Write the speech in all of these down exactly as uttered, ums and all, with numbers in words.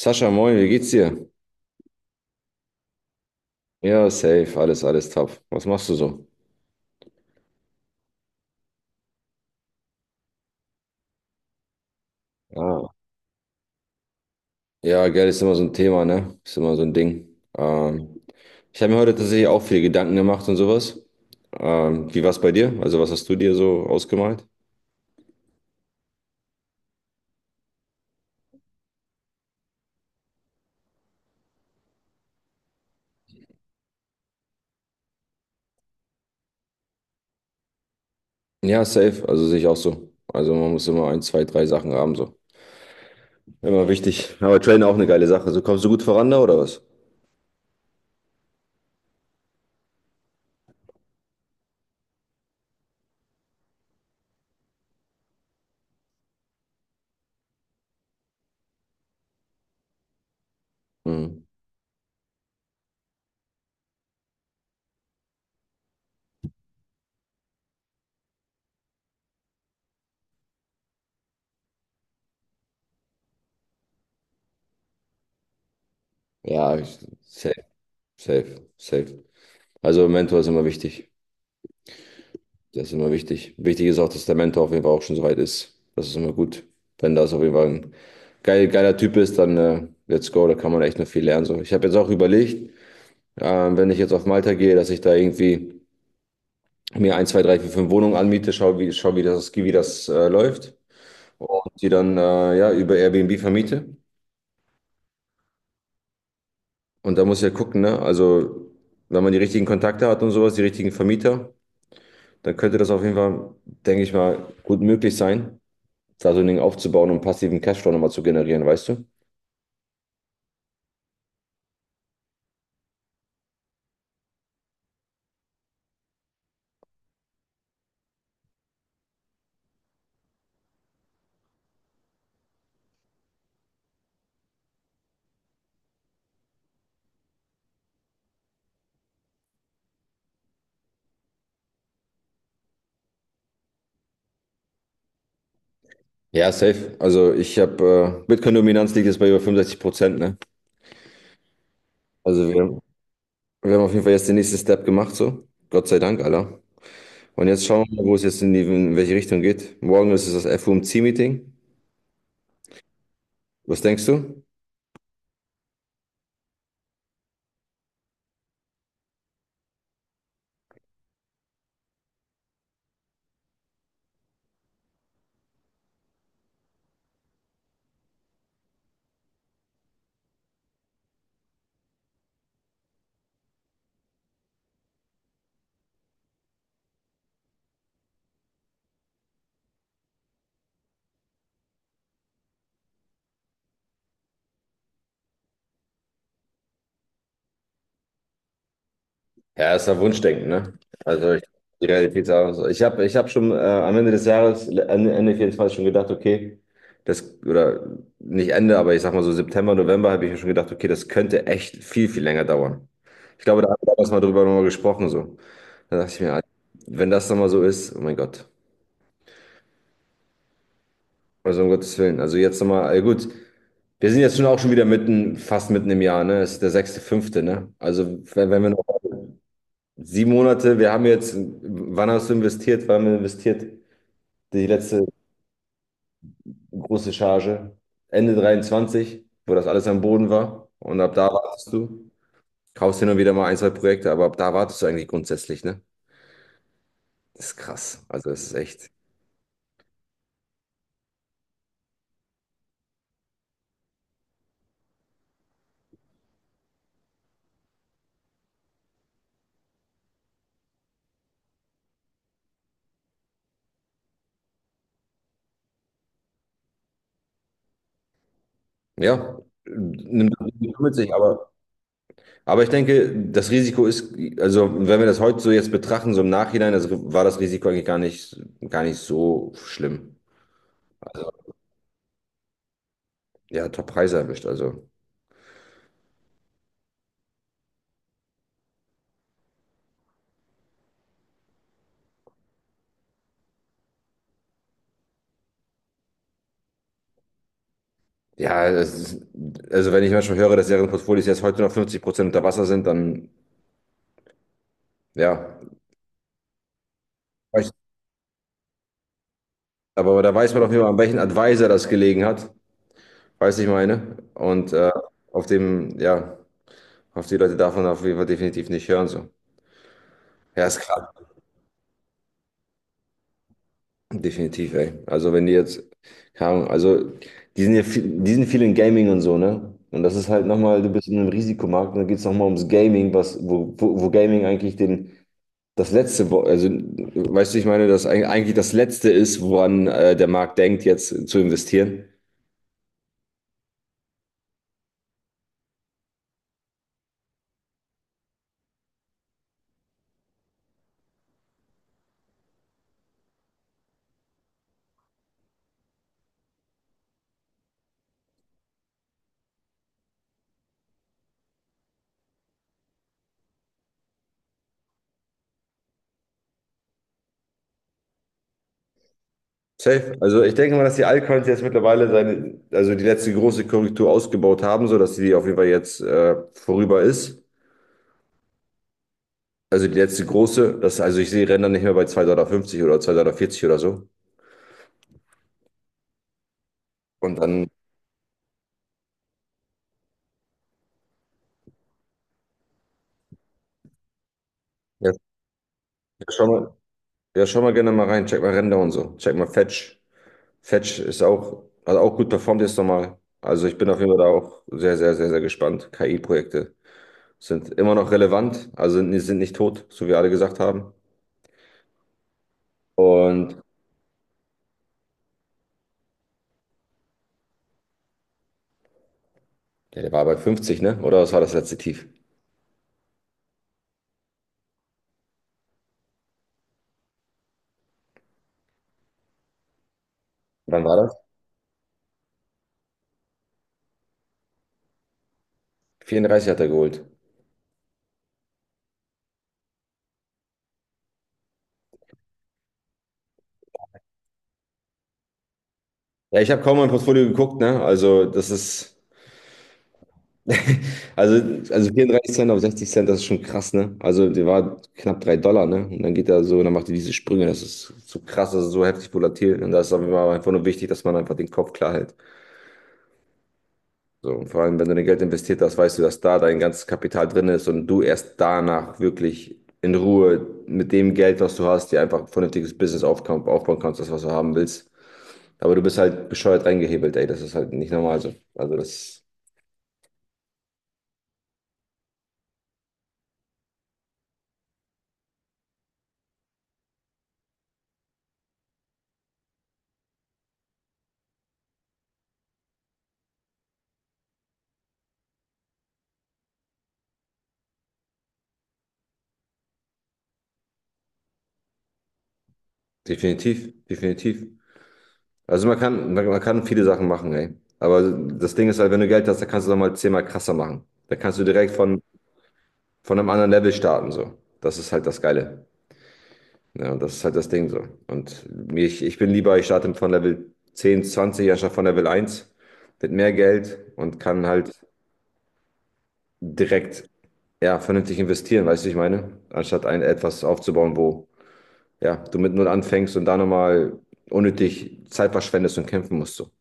Sascha, moin, wie geht's dir? Ja, safe, alles, alles top. Was machst du so? Ah. Ja, Geld ist immer so ein Thema, ne? Ist immer so ein Ding. Ähm, Ich habe mir heute tatsächlich auch viele Gedanken gemacht und sowas. Ähm, wie war's bei dir? Also, was hast du dir so ausgemalt? Ja, safe, also sehe ich auch so. Also, man muss immer ein, zwei, drei Sachen haben, so. Immer wichtig. Aber Trainer auch eine geile Sache. So kommst du gut voran da oder was? Mhm. Ja, ich- safe, safe, safe. Also, Mentor ist immer wichtig. Das ist immer wichtig. Wichtig ist auch, dass der Mentor auf jeden Fall auch schon soweit ist. Das ist immer gut. Wenn das auf jeden Fall ein geil, geiler Typ ist, dann äh, let's go. Da kann man echt noch viel lernen. So. Ich habe jetzt auch überlegt, ähm, wenn ich jetzt auf Malta gehe, dass ich da irgendwie mir ein, zwei, drei, vier, fünf Wohnungen anmiete, schau, wie, schau, wie das, wie das äh, läuft. Und die dann äh, ja, über Airbnb vermiete. Und da muss ich ja gucken, ne? Also, wenn man die richtigen Kontakte hat und sowas, die richtigen Vermieter, dann könnte das auf jeden Fall, denke ich mal, gut möglich sein. Da so ein Ding aufzubauen, um passiven Cashflow nochmal zu generieren, weißt du? Ja, safe. Also ich habe, äh, Bitcoin-Dominanz liegt jetzt bei über fünfundsechzig Prozent, ne? Also wir, wir haben auf jeden Fall jetzt den nächsten Step gemacht, so. Gott sei Dank, Alter. Und jetzt schauen wir, wo es jetzt in, die, in welche Richtung geht. Morgen ist es das F O M C-Meeting. Was denkst du? Ja, ist ja Wunschdenken, ne? Also ich, die Realität ist auch so. Ich habe ich hab schon äh, am Ende des Jahres, Ende, Ende vierundzwanzig schon gedacht, okay, das, oder nicht Ende, aber ich sag mal so September, November habe ich mir schon gedacht, okay, das könnte echt viel, viel länger dauern. Ich glaube, da haben wir damals mal drüber nochmal gesprochen, so. Da dachte ich mir, Alter, wenn das nochmal so ist, oh mein Gott. Also um Gottes Willen. Also jetzt nochmal, äh, gut, wir sind jetzt schon auch schon wieder mitten, fast mitten im Jahr, ne? Es ist der sechste, fünfte, ne? Also wenn, wenn wir noch Sieben Monate, wir haben jetzt, wann hast du investiert? Wann haben wir investiert? Die letzte große Charge. Ende dreiundzwanzig, wo das alles am Boden war. Und ab da wartest du. Kaufst hin und wieder mal ein, zwei Projekte, aber ab da wartest du eigentlich grundsätzlich, ne? Das ist krass. Also das ist echt. Ja, nimmt nimmt mit sich, aber, aber ich denke, das Risiko ist, also wenn wir das heute so jetzt betrachten, so im Nachhinein, also war das Risiko eigentlich gar nicht, gar nicht so schlimm. Also, ja, Top-Preise erwischt. Also. Ja, es ist, also wenn ich manchmal höre, dass deren Portfolios jetzt heute noch fünfzig Prozent unter Wasser sind, dann ja. weiß- Aber da weiß man auf jeden Fall, an welchen Advisor das gelegen hat, weiß ich meine. Und äh, auf dem, ja, auf die Leute darf man auf jeden Fall definitiv nicht hören. So. Ja, ist klar. Definitiv, ey. Also wenn die jetzt, keine Ahnung, also die sind ja viel, die sind viel in Gaming und so, ne? Und das ist halt nochmal, du bist in einem Risikomarkt und dann geht es nochmal ums Gaming, was, wo, wo, wo Gaming eigentlich den das letzte, wo- also weißt du, ich meine, dass eig- eigentlich das letzte ist, woran äh, der Markt denkt, jetzt zu investieren. Safe. Also ich denke mal, dass die Altcoins jetzt mittlerweile seine, also die letzte große Korrektur ausgebaut haben, sodass die auf jeden Fall jetzt äh, vorüber ist. Also die letzte große, das, also ich sehe Ränder nicht mehr bei zwei Komma fünfzig Dollar oder zwei Komma vierzig Dollar oder so. Und dann, ja, ja, schau mal, ja, schau mal gerne mal rein, check mal Ränder und so, check mal Fetch. Fetch ist auch, hat auch gut performt jetzt nochmal. Also ich bin auf jeden Fall da auch sehr, sehr, sehr, sehr gespannt. K I-Projekte sind immer noch relevant, also sind, sind nicht tot, so wie alle gesagt haben. Und ja, der war bei fünfzig, ne? Oder was war das letzte Tief? Wann war das? vierunddreißig hat er geholt. Ja, ich habe kaum mein Portfolio geguckt, ne? Also das ist, Also, also vierunddreißig Cent auf sechzig Cent, das ist schon krass, ne? Also, der war knapp drei Dollar, ne? Und dann geht er so, dann macht er diese Sprünge. Das ist so krass, das ist so heftig volatil, ne? Und da ist aber einfach nur wichtig, dass man einfach den Kopf klar hält. So, und vor allem, wenn du dein Geld investiert hast, weißt du, dass da dein ganzes Kapital drin ist und du erst danach wirklich in Ruhe mit dem Geld, was du hast, dir einfach ein vernünftiges Business aufbauen, aufbauen kannst, das, was du haben willst. Aber du bist halt bescheuert reingehebelt, ey. Das ist halt nicht normal so. Also, das definitiv, definitiv. Also man kann, man, man kann viele Sachen machen, ey. Aber das Ding ist halt, wenn du Geld hast, dann kannst du es nochmal zehnmal krasser machen. Da kannst du direkt von, von einem anderen Level starten, so. Das ist halt das Geile. Ja, und das ist halt das Ding so. Und mir- ich, ich bin lieber, ich starte von Level zehn, zwanzig anstatt von Level eins mit mehr Geld und kann halt direkt, ja, vernünftig investieren, weißt du, ich meine? Anstatt ein etwas aufzubauen, wo, ja, du mit null anfängst und da nochmal unnötig Zeit verschwendest und kämpfen musst, so.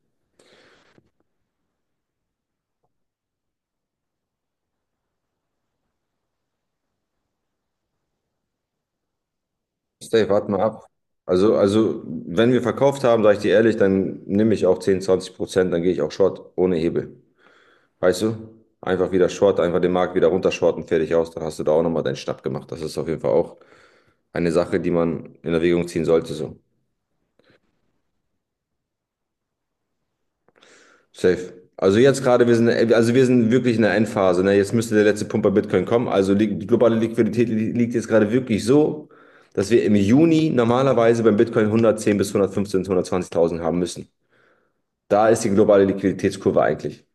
Stay, warte mal ab. Also, also, wenn wir verkauft haben, sage ich dir ehrlich, dann nehme ich auch zehn, zwanzig Prozent, dann gehe ich auch Short ohne Hebel. Weißt du? Einfach wieder Short, einfach den Markt wieder runtershorten, fertig aus. Dann hast du da auch nochmal deinen Schnapp gemacht. Das ist auf jeden Fall auch eine Sache, die man in Erwägung ziehen sollte. So. Safe. Also jetzt gerade, wir sind, also wir sind wirklich in der Endphase. Ne? Jetzt müsste der letzte Pump bei Bitcoin kommen. Also li- die globale Liquidität li- liegt jetzt gerade wirklich so, dass wir im Juni normalerweise beim Bitcoin hundertzehn bis hundertfünfzehn, hundertzwanzigtausend haben müssen. Da ist die globale Liquiditätskurve eigentlich.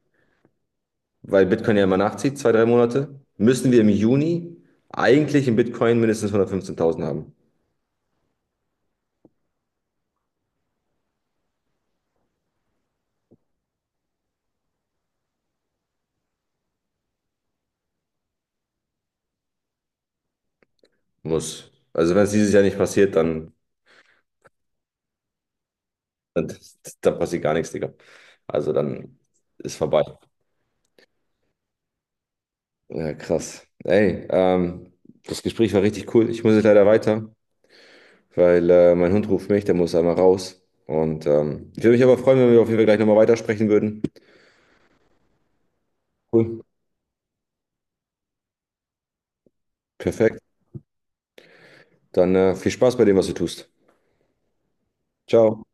Weil Bitcoin ja immer nachzieht, zwei, drei Monate, müssen wir im Juni eigentlich im Bitcoin mindestens hundertfünfzehntausend haben. Muss. Also wenn es dieses Jahr nicht passiert, dann, dann, dann passiert gar nichts, Digga. Also dann ist vorbei. Ja, krass. Ey, ähm, das Gespräch war richtig cool. Ich muss jetzt leider weiter, weil äh, mein Hund ruft mich, der muss einmal raus. Und ähm, ich würde mich aber freuen, wenn wir auf jeden Fall gleich nochmal weitersprechen würden. Cool. Perfekt. Dann äh, viel Spaß bei dem, was du tust. Ciao.